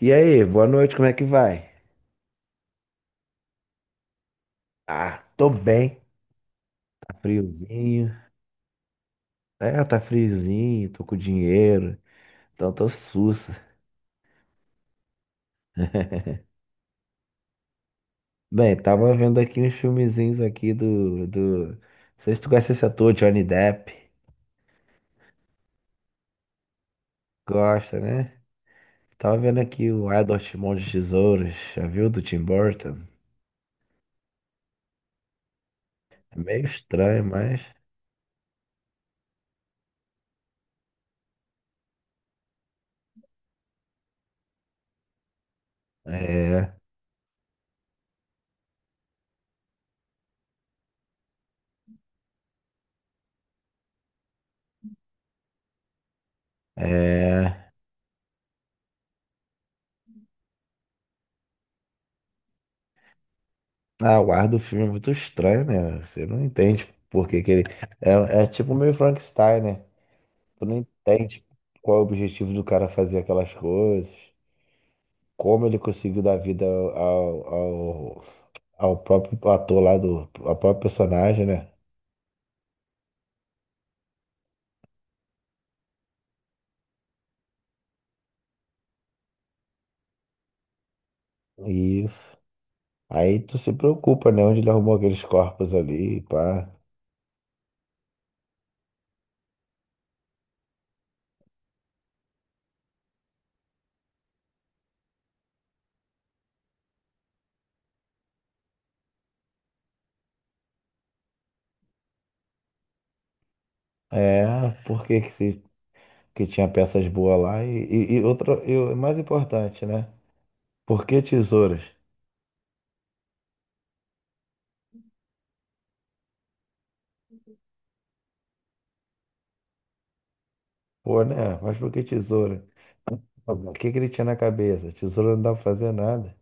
E aí, boa noite, como é que vai? Ah, tô bem. Tá friozinho. É, tá friozinho, tô com dinheiro, então tô sussa. Bem, tava vendo aqui uns filmezinhos aqui Não sei se tu conhece esse ator, Johnny Depp. Gosta, né? Tava vendo aqui o Edward Mãos de Tesouros, já viu? Do Tim Burton. É meio estranho, mas... É, é... Ah, o ar do filme é muito estranho, né? Você não entende por que que ele... É tipo meio Frankenstein, né? Tu não entende qual é o objetivo do cara fazer aquelas coisas, como ele conseguiu dar vida ao próprio ator lá do, ao próprio personagem, né? Isso. Aí tu se preocupa, né? Onde ele arrumou aqueles corpos ali, pá. É, por que que, se- que tinha peças boas lá? E outra, e o mais importante, né? Por que tesouras? Pô, né? Mas por que tesoura? O que que ele tinha na cabeça? Tesoura não dá pra fazer nada.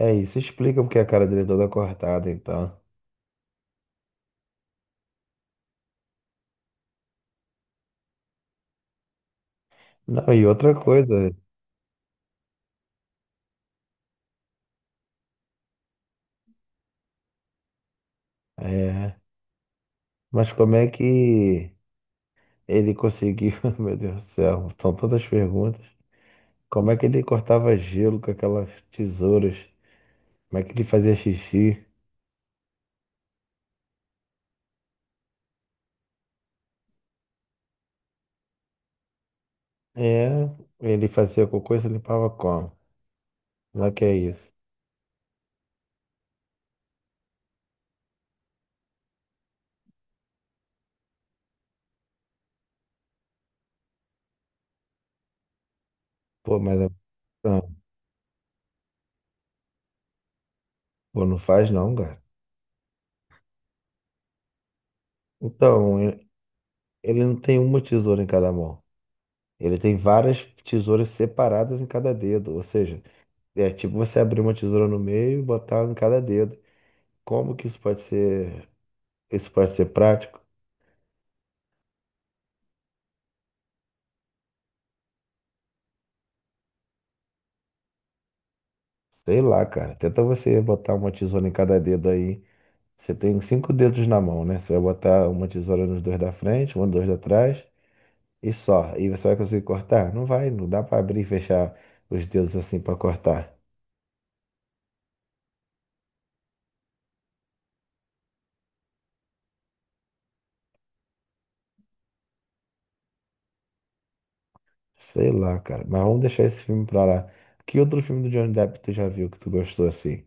É isso, explica porque a cara dele é toda cortada então. Não, e outra coisa, é, mas como é que ele conseguiu, meu Deus do céu, são tantas perguntas. Como é que ele cortava gelo com aquelas tesouras? Como é que ele fazia xixi? É, ele fazia cocô e se limpava como? Não é que é isso. Pô, mas é- não, pô, não faz não, cara. Então, e- Ele não tem uma tesoura em cada mão. Ele tem várias tesouras separadas em cada dedo, ou seja, é tipo você abrir uma tesoura no meio e botar em cada dedo. Como que isso pode ser prático? Sei lá, cara. Tenta você botar uma tesoura em cada dedo aí. Você tem cinco dedos na mão, né? Você vai botar uma tesoura nos dois da frente, um dois da trás e só. E você vai conseguir cortar? Não vai, não dá pra abrir e fechar os dedos assim pra cortar. Sei lá, cara. Mas vamos deixar esse filme pra lá. Que outro filme do Johnny Depp tu já viu que tu gostou assim?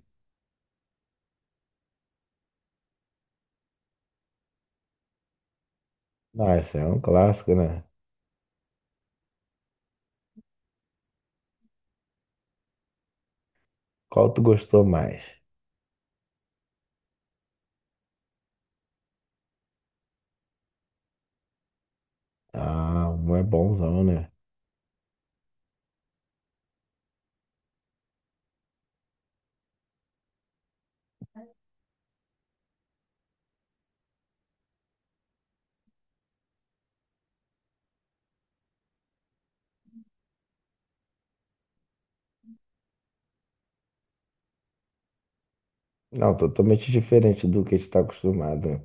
Ah, esse é um clássico, né? Qual tu gostou mais? Ah, um é bonzão, né? Não, totalmente diferente do que a gente tá acostumado, né?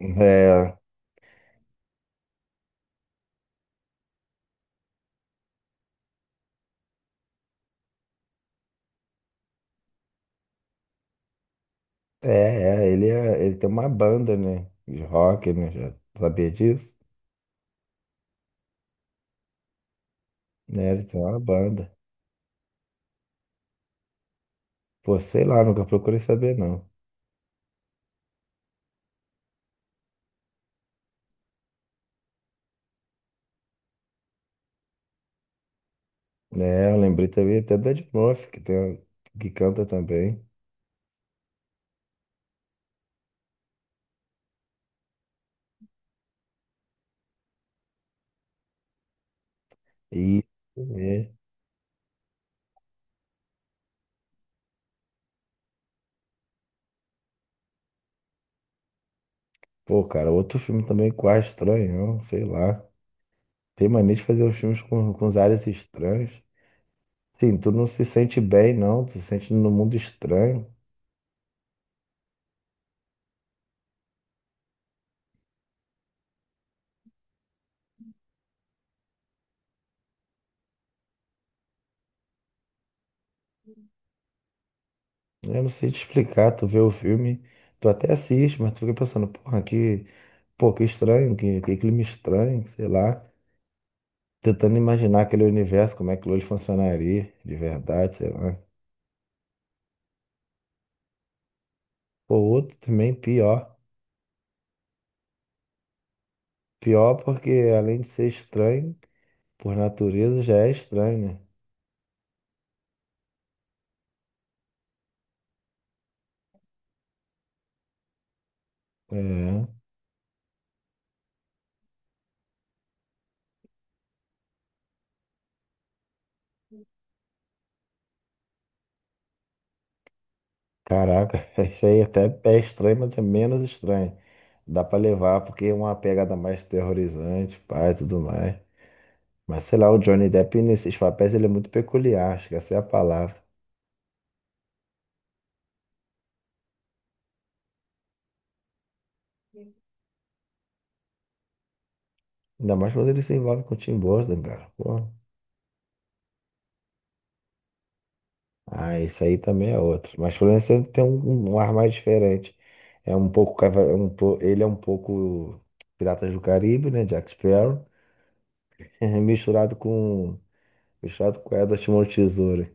É, ele tem uma banda, né? De rock, né? Já sabia disso? Né, ele tem uma banda. Pô, sei lá, nunca procurei saber, não. Né, eu lembrei também até da Ed Murphy, que, tem, que canta também. E, é, pô, cara, outro filme também quase estranho, sei lá. Tem mania de fazer os filmes com os áreas estranhos. Sim, tu não se sente bem, não. Tu se sente no mundo estranho. Eu não sei te explicar, tu vê o filme, tu até assiste, mas tu fica pensando, porra, pô, que estranho, que clima estranho, sei lá. Tentando imaginar aquele universo, como é que aquilo ali funcionaria, de verdade, sei lá. Pô, outro também pior. Pior porque além de ser estranho, por natureza já é estranho, né? É. Caraca, isso aí até é estranho, mas é menos estranho. Dá pra levar porque é uma pegada mais terrorizante, pai, tudo mais. Mas sei lá, o Johnny Depp nesses papéis ele é muito peculiar, acho que essa é a palavra. Ainda mais quando ele se envolve com o Tim Burton, cara. Pô. Ah, isso aí também é outro. Mas Florence sempre tem um ar mais diferente. É um pouco. Cava- é um po- Ele é um pouco Piratas do Caribe, né? Jack Sparrow. Misturado com. Misturado com Edward Mão Tesoura.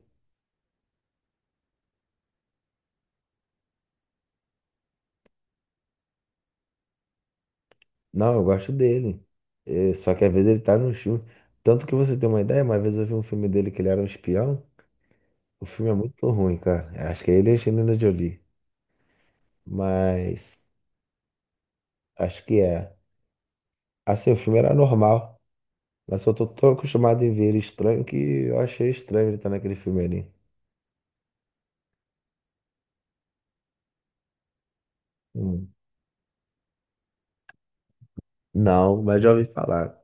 Não, eu gosto dele. É, só que às vezes ele tá no filme. Tanto que você tem uma ideia, uma vez eu vi um filme dele que ele era um espião. O filme é muito ruim, cara. Acho que é ele e a Angelina Jolie. Mas acho que é. Assim, o filme era normal, mas eu tô tão acostumado em ver ele estranho que eu achei estranho ele estar naquele filme ali. Hum. Não, mas já ouvi falar.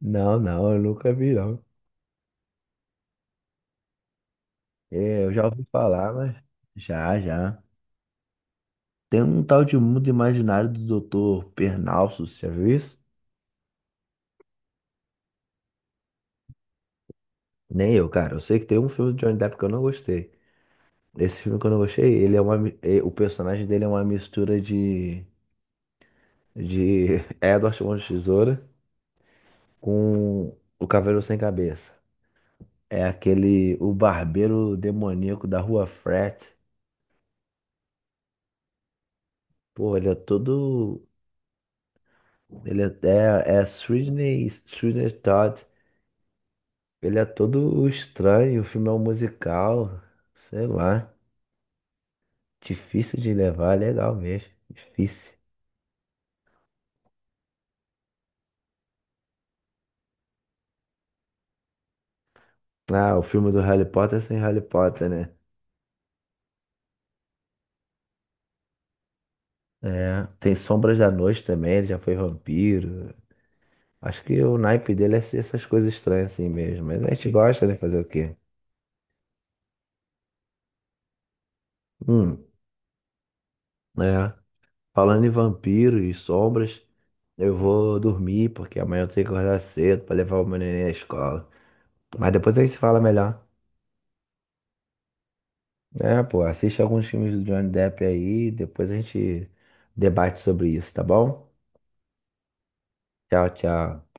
Não, não, eu nunca vi, não. É, eu já ouvi falar, mas já, já. Tem um tal de mundo imaginário do doutor Pernalso, você já viu isso? Nem eu, cara. Eu sei que tem um filme do Johnny Depp que eu não gostei. Esse filme que eu não gostei, ele é uma, o personagem dele é uma mistura de Edward Mãos de Tesoura com o Cavaleiro Sem Cabeça. É aquele, o barbeiro demoníaco da rua Frat. Pô, ele é todo. Ele é Sweeney, Sweeney Todd. Ele é todo estranho. O filme é um musical. Sei lá. Difícil de levar. Legal mesmo. Difícil. Ah, o filme do Harry Potter sem Harry Potter, né? É. Tem Sombras da Noite também. Ele já foi vampiro. Acho que o naipe dele é ser essas coisas estranhas assim mesmo. Mas a gente gosta, né? Fazer o quê? Hum. É, falando em vampiro e sombras, eu vou dormir porque amanhã eu tenho que acordar cedo pra levar o meu neném à escola. Mas depois a gente se fala melhor. É, pô, assiste alguns filmes do Johnny Depp aí, depois a gente debate sobre isso, tá bom? Tchau, tchau.